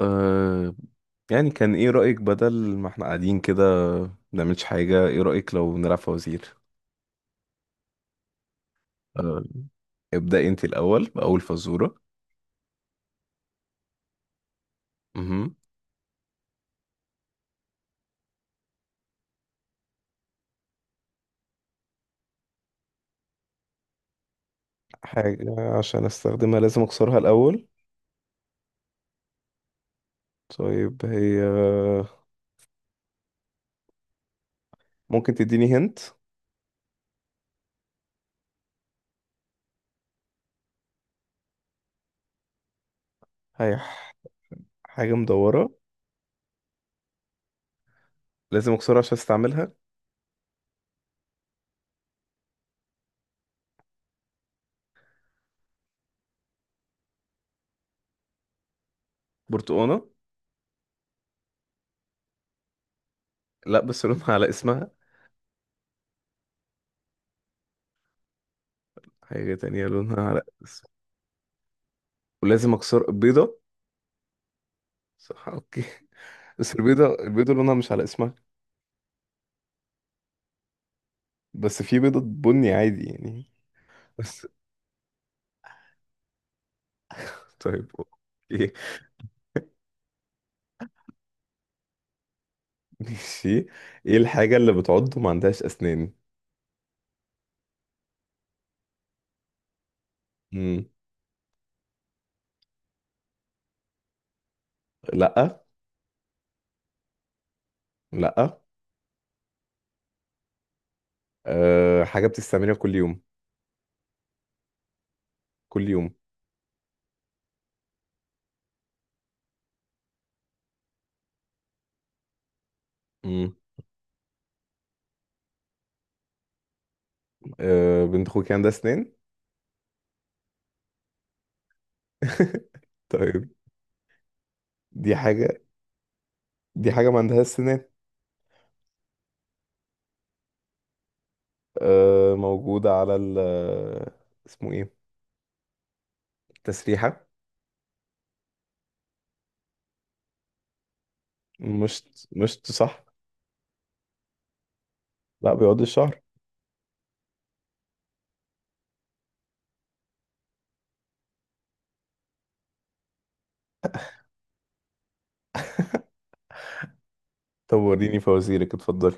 أه. يعني كان ايه رأيك بدل ما احنا قاعدين كده بنعملش حاجة؟ ايه رأيك لو نلعب فوازير؟ أه، ابدأي انت الأول بأول فزورة. مهم. حاجة عشان استخدمها لازم اكسرها الاول. طيب هي ممكن تديني هنت. هي ح- حاجة مدورة. لازم اكسرها عشان استعملها. برتقانة. لا، بس لونها على اسمها. حاجة تانية لونها على اسمها. ولازم اكسر بيضة. صح، اوكي. بس البيضة البيضة لونها مش على اسمها. بس في بيضة بني عادي يعني. بس، طيب اوكي ماشي. ايه الحاجة اللي بتعض وما عندهاش اسنان؟ مم. لا، لا. أه، حاجة بتستعملها كل يوم. كل يوم. مم. أه، بنت اخوك عندها اسنان. طيب دي حاجة. دي حاجة ما عندهاش اسنان. أه، موجودة على ال، اسمه ايه؟ تسريحة. مش مش صح. لا، بيقعد الشهر. طب وريني فوازيرك، اتفضلي.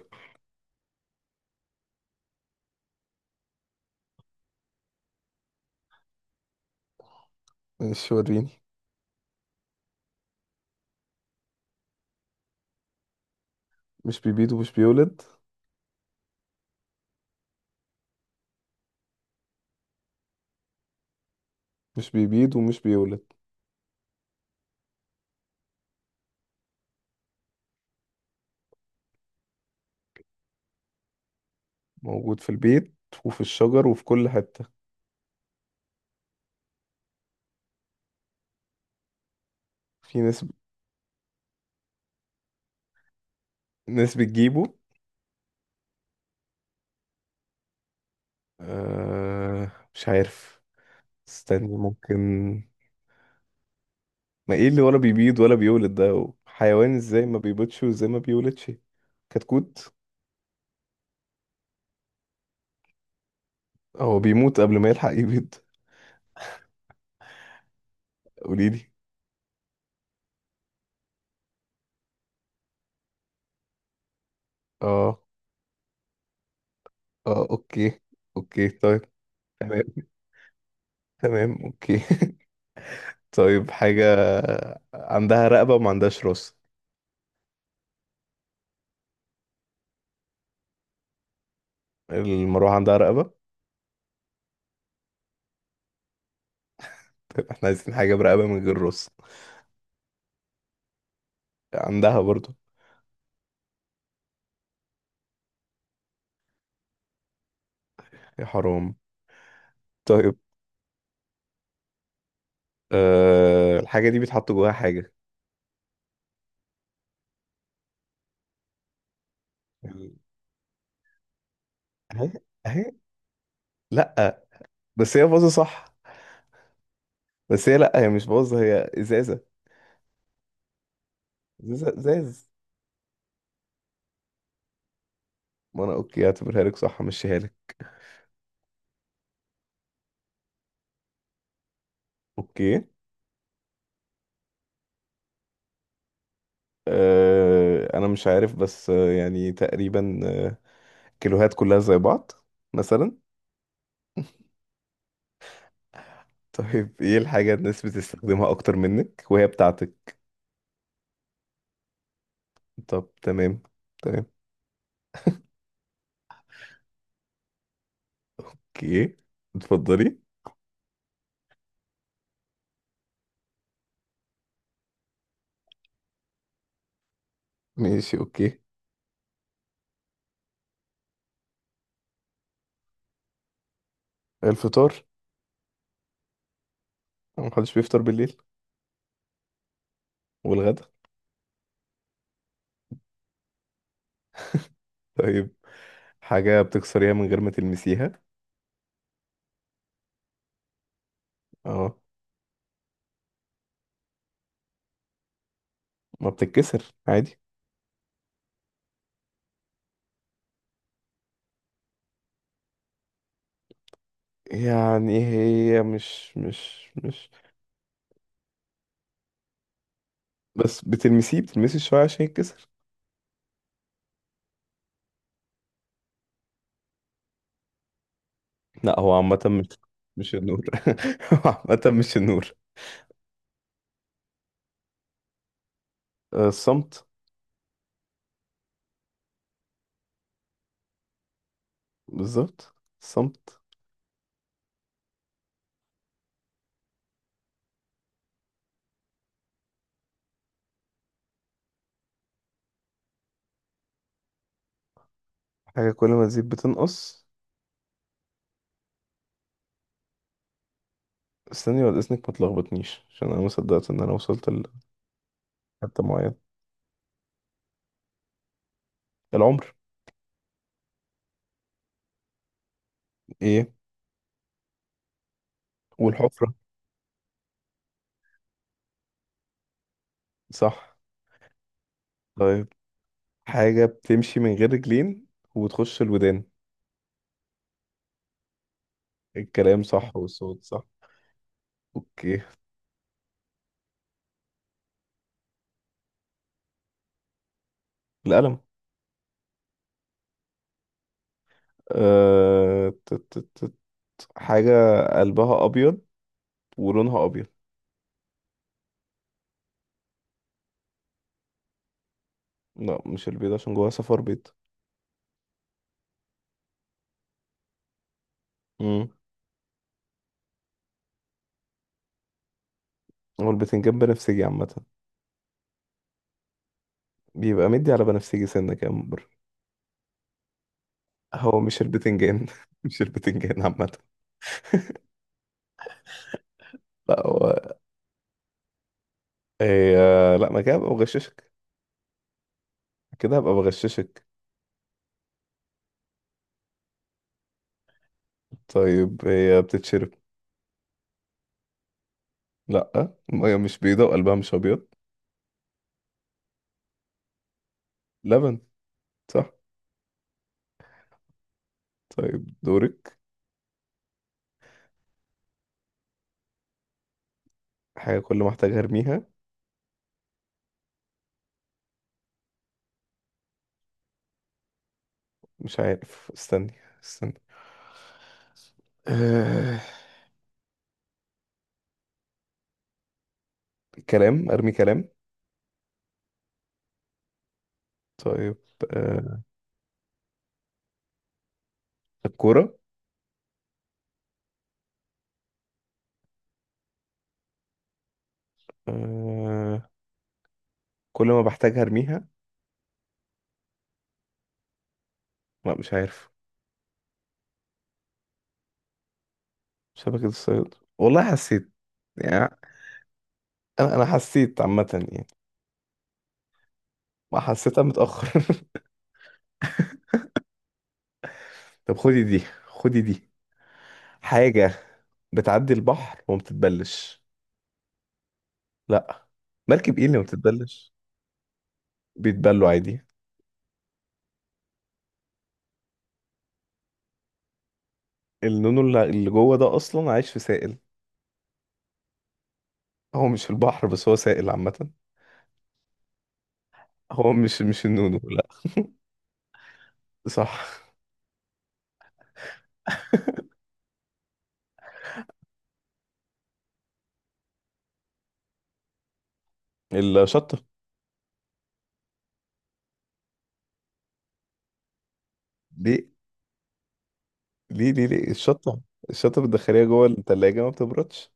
مش، وريني. مش بيبيض ومش بيولد. مش بيبيض ومش بيولد. موجود في البيت وفي الشجر وفي كل حتة. في ناس. ناس بتجيبه. آه، مش عارف. استني، ممكن. ما ايه اللي ولا بيبيض ولا بيولد؟ ده حيوان ازاي ما بيبيضش وازاي ما بيولدش؟ كتكوت. هو بيموت قبل ما يلحق يبيض. قوليلي. اه، اه اوكي. اوكي طيب. تمام. تمام اوكي. طيب، حاجة عندها رقبة وما عندهاش راس. المروحة عندها رقبة؟ طيب احنا عايزين حاجة برقبة من غير راس. عندها برضو. يا حرام. طيب، أه، الحاجة دي بيتحط جواها حاجة. اهي. اهي. لأ. بس هي باظة، صح. بس هي، لأ، هي مش باظة، هي إزازة. إزازة، إزاز. ما أنا أوكي، هعتبرها لك صح، همشيها لك. أوكي. أه أنا مش عارف، بس يعني تقريبا. كيلوهات كلها زي بعض، مثلا. طيب إيه الحاجة الناس بتستخدمها أكتر منك وهي بتاعتك؟ طب تمام. تمام أوكي، اتفضلي. ماشي أوكي. الفطار. محدش بيفطر بالليل. والغدا. طيب حاجة بتكسريها من غير ما تلمسيها. اه. ما بتتكسر عادي. يعني هي مش. بس بتلمسيه بتلمسي شوية عشان يتكسر. لا، هو عامة مش النور. هو عامة مش النور. الصمت. بالظبط، الصمت. حاجة كل ما تزيد بتنقص. استني ولا إذنك، ما تلخبطنيش عشان أنا ما صدقت إن أنا وصلت لحتة معينة. العمر. إيه؟ والحفرة. صح. طيب حاجة بتمشي من غير رجلين وتخش الودان. الكلام صح والصوت صح. اوكي. القلم. أه... ت- ت- ت- ت- حاجة قلبها أبيض ولونها أبيض. لا، مش البيض عشان جواها صفار بيض. امم. هو البتنجان بنفسجي عامة. بيبقى مدي على بنفسجي سنة كده من بره. هو مش البتنجان مش البتنجان عامة. لا هو. هي. لا، ما كده هبقى بغششك. كده هبقى بغششك. طيب هي بتتشرب. لا، المية مش بيضة وقلبها مش أبيض. لبن. صح. طيب دورك. حاجة كل ما احتاج ارميها. مش عارف، استني. استني. آه، كلام، ارمي كلام. طيب، آه الكورة. آه كل ما بحتاج ارميها. لا، مش عارف. شبكة الصيد، والله حسيت يعني. انا حسيت عامة يعني. ما حسيتها متأخر. طب خدي دي، خدي دي حاجة بتعدي البحر وما بتتبلش. لا. مركب ايه اللي ما بتتبلش؟ بيتبلوا عادي. النونو اللي جوه ده اصلا عايش في سائل. هو مش في البحر، بس هو سائل عامة. هو مش النونو، لا. صح. الشطة. ليه ليه ليه ليه الشطة؟ الشطة بتدخليها جوه التلاجة ما بتبردش.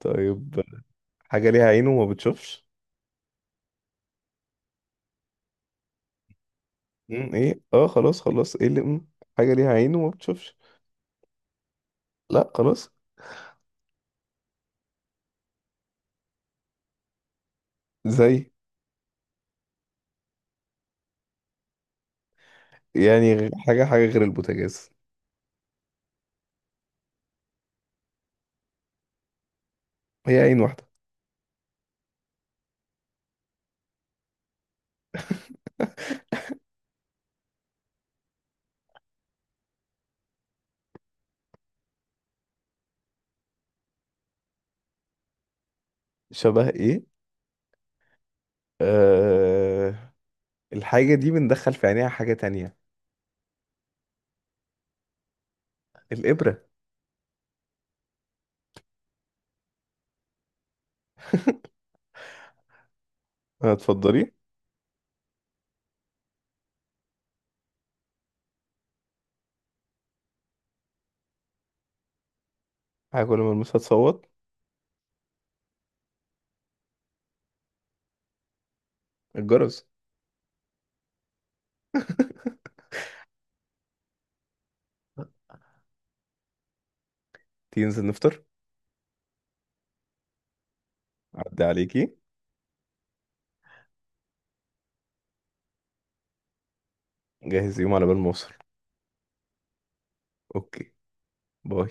طيب حاجة ليها عين وما بتشوفش. ايه؟ اه، خلاص خلاص. ايه اللي مم. حاجة ليها عين وما بتشوفش؟ لا، خلاص. زي؟ يعني حاجة، حاجة غير البوتاجاز. هي عين واحدة. شبه ايه؟ آه... الحاجة دي بندخل في عينيها حاجة تانية. الإبرة. هتفضلي. حاجة كل ما المسها تصوت. الجرس. تيجي ننزل نفطر. عدى عليكي. جهز يوم على بال ما اوصل. اوكي. باي.